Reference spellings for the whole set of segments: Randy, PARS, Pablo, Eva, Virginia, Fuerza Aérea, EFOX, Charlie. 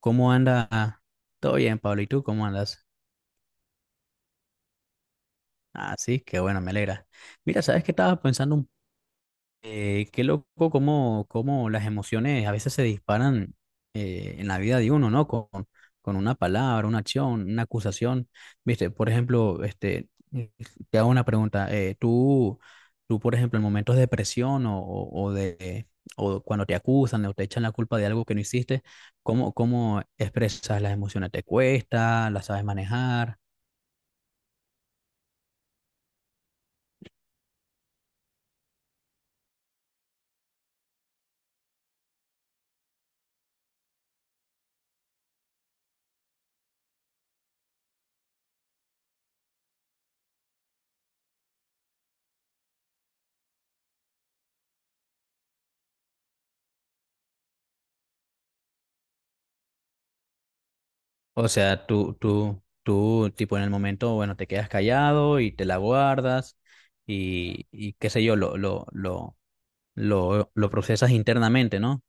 ¿Cómo anda? Ah, todo bien, Pablo. ¿Y tú cómo andas? Ah, sí, qué bueno, me alegra. Mira, ¿sabes qué estaba pensando? Un Qué loco cómo las emociones a veces se disparan en la vida de uno, ¿no? Con una palabra, una acción, una acusación. Viste, por ejemplo, eh, te hago una pregunta. Tú, por ejemplo, en momentos de depresión o cuando te acusan o te echan la culpa de algo que no hiciste, ¿cómo expresas las emociones? ¿Te cuesta? ¿Las sabes manejar? O sea, tú, tipo en el momento, bueno, te quedas callado y te la guardas y qué sé yo, lo procesas internamente, ¿no?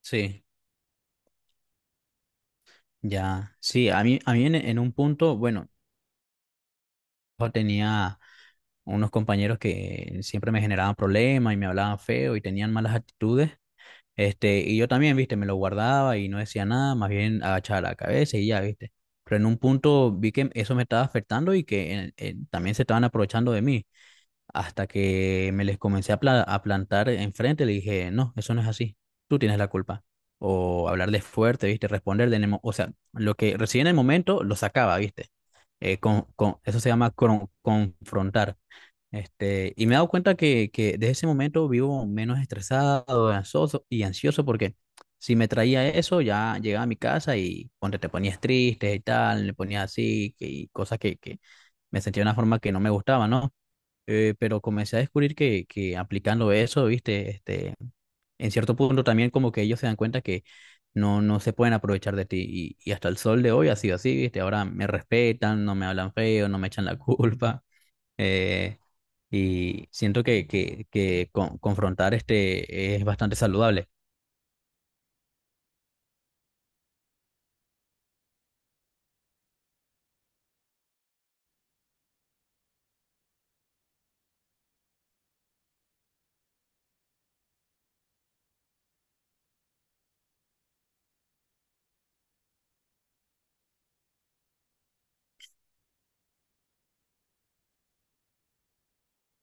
Sí, ya, sí. A mí en un punto, bueno, yo tenía unos compañeros que siempre me generaban problemas y me hablaban feo y tenían malas actitudes. Y yo también, viste, me lo guardaba y no decía nada, más bien agachaba la cabeza y ya, viste. Pero en un punto vi que eso me estaba afectando y que también se estaban aprovechando de mí. Hasta que me les comencé a plantar enfrente, le dije, no, eso no es así, tú tienes la culpa. O hablarles fuerte, viste, responder de o sea, lo que recibí en el momento lo sacaba, viste. Eso se llama confrontar. Y me he dado cuenta que desde ese momento vivo menos estresado, ansioso y ansioso porque si me traía eso, ya llegaba a mi casa y ponte, te ponías triste y tal, le ponías así que- y cosas que me sentía de una forma que no me gustaba, ¿no? Pero comencé a descubrir que aplicando eso, viste, en cierto punto también como que ellos se dan cuenta que no se pueden aprovechar de ti y hasta el sol de hoy ha sido así, viste, ahora me respetan, no me hablan feo, no me echan la culpa, eh, y siento que confrontar este es bastante saludable.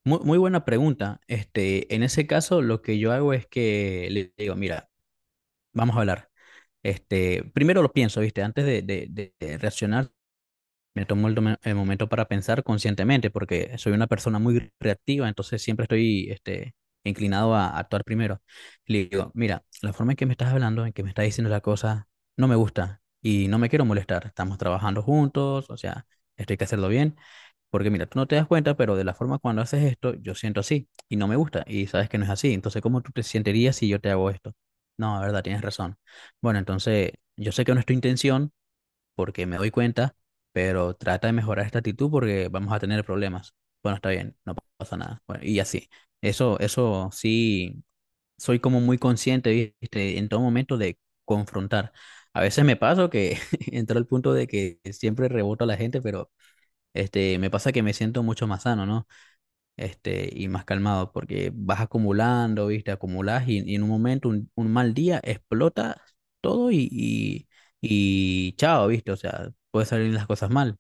Muy, muy buena pregunta. En ese caso, lo que yo hago es que le digo, mira, vamos a hablar. Primero lo pienso, ¿viste? Antes de reaccionar, me tomo el momento para pensar conscientemente, porque soy una persona muy reactiva, entonces siempre estoy inclinado a actuar primero. Le digo, mira, la forma en que me estás hablando, en que me estás diciendo la cosa, no me gusta y no me quiero molestar. Estamos trabajando juntos, o sea, esto hay que hacerlo bien, porque mira, tú no te das cuenta, pero de la forma cuando haces esto, yo siento así y no me gusta y sabes que no es así. Entonces, ¿cómo tú te sentirías si yo te hago esto? No, la verdad, tienes razón. Bueno, entonces, yo sé que no es tu intención porque me doy cuenta, pero trata de mejorar esta actitud porque vamos a tener problemas. Bueno, está bien, no pasa nada. Bueno, y así. Eso sí, soy como muy consciente, ¿viste? En todo momento de confrontar. A veces me pasa que entro al punto de que siempre reboto a la gente, pero me pasa que me siento mucho más sano, ¿no? Y más calmado, porque vas acumulando, ¿viste? Acumulas y en un momento, un mal día, explota todo y chao, ¿viste? O sea, puede salir las cosas mal.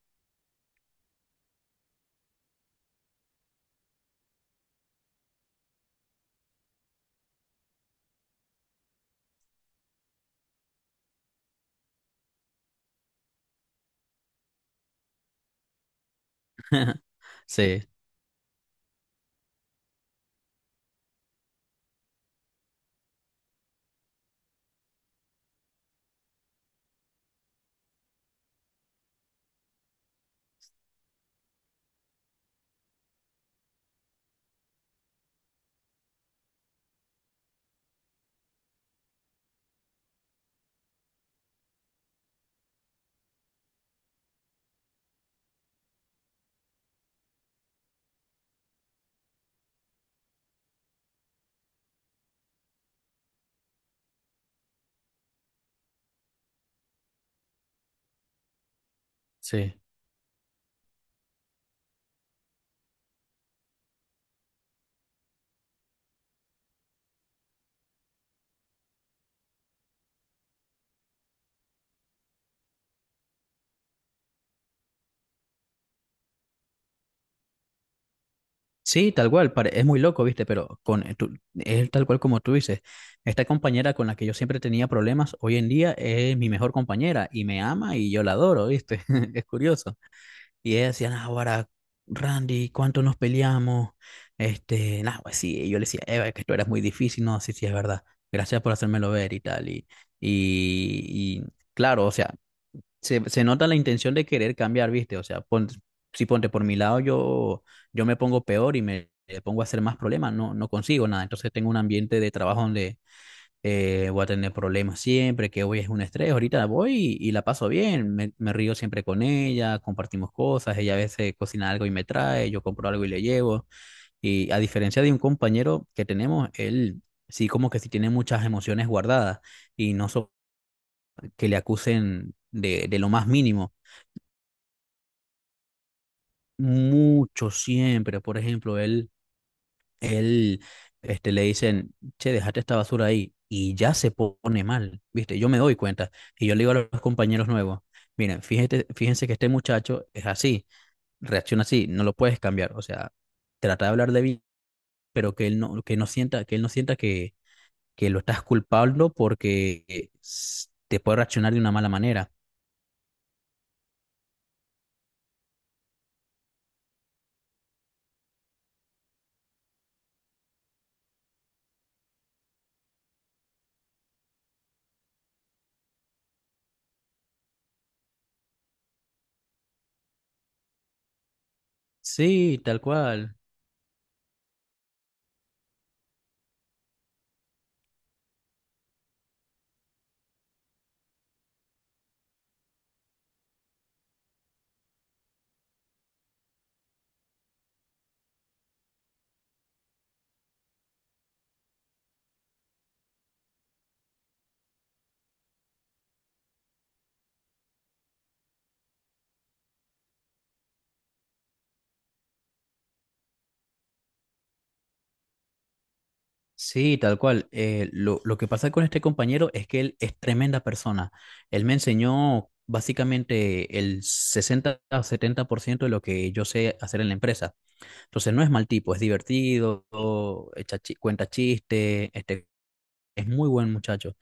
Sí, sí. Sí, tal cual, es muy loco, ¿viste? Es tal cual como tú dices. Esta compañera con la que yo siempre tenía problemas, hoy en día es mi mejor compañera y me ama y yo la adoro, ¿viste? Es curioso. Y ella decía, "No, ahora, Randy, ¿cuánto nos peleamos? Nah, pues sí", y yo le decía, "Eva, es que esto era muy difícil, no, sí, sí, es verdad. Gracias por hacérmelo ver" y tal. Y claro, o sea, se nota la intención de querer cambiar, ¿viste? O sea, si ponte por mi lado, yo me pongo peor y me pongo a hacer más problemas, no consigo nada. Entonces tengo un ambiente de trabajo donde voy a tener problemas siempre, que hoy es un estrés, ahorita voy y la paso bien, me río siempre con ella, compartimos cosas, ella a veces cocina algo y me trae, yo compro algo y le llevo, y a diferencia de un compañero que tenemos, él sí como que sí tiene muchas emociones guardadas y no so- que le acusen de lo más mínimo. Mucho siempre, por ejemplo, él le dicen, che, dejate esta basura ahí, y ya se pone mal, ¿viste? Yo me doy cuenta, y yo le digo a los compañeros nuevos, miren, fíjate, fíjense que este muchacho es así, reacciona así, no lo puedes cambiar, o sea, trata de hablar de bien, pero que él no sienta que lo estás culpando porque te puede reaccionar de una mala manera. Sí, tal cual. Sí, tal cual. Lo que pasa con este compañero es que él es tremenda persona. Él me enseñó básicamente el 60 o 70% de lo que yo sé hacer en la empresa. Entonces no es mal tipo, es divertido, echa cuenta chiste, es muy buen muchacho,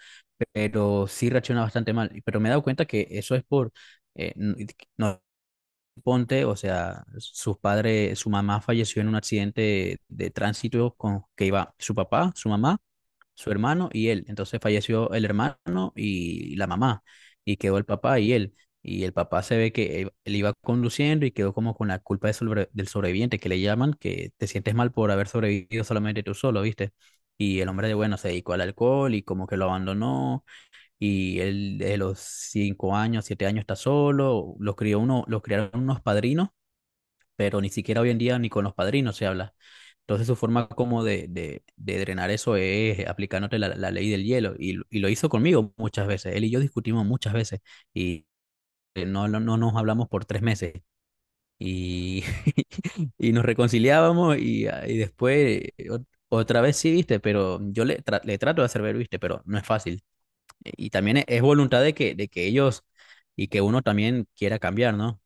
pero sí reacciona bastante mal. Pero me he dado cuenta que eso es por, eh, n- no, ponte, o sea, sus padres, su mamá falleció en un accidente de tránsito con que iba su papá, su mamá, su hermano y él. Entonces falleció el hermano y la mamá, y quedó el papá y él. Y el papá se ve que él iba conduciendo y quedó como con la culpa del sobreviviente, que le llaman, que te sientes mal por haber sobrevivido solamente tú solo, ¿viste? Y el hombre de bueno se dedicó al alcohol y como que lo abandonó. Y él de los 5 años, 7 años está solo. Los crió uno, los criaron unos padrinos, pero ni siquiera hoy en día ni con los padrinos se habla. Entonces su forma como de drenar eso es aplicándote la ley del hielo y lo hizo conmigo muchas veces. Él y yo discutimos muchas veces y no nos hablamos por 3 meses y, y nos reconciliábamos y, ah, y después otra vez sí, viste, pero yo le trato de hacer ver, viste, pero no es fácil. Y también es voluntad de que ellos y que uno también quiera cambiar, ¿no?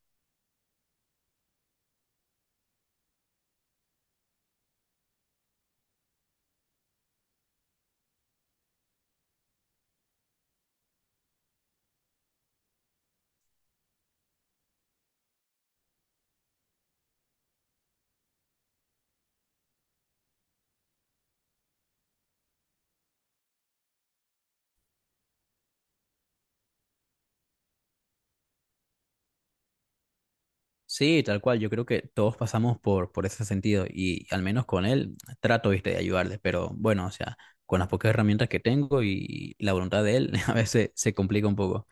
Sí, tal cual. Yo creo que todos pasamos por ese sentido y al menos con él trato, viste, de ayudarle. Pero bueno, o sea, con las pocas herramientas que tengo y la voluntad de él, a veces se complica un poco.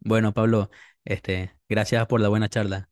Bueno, Pablo, gracias por la buena charla.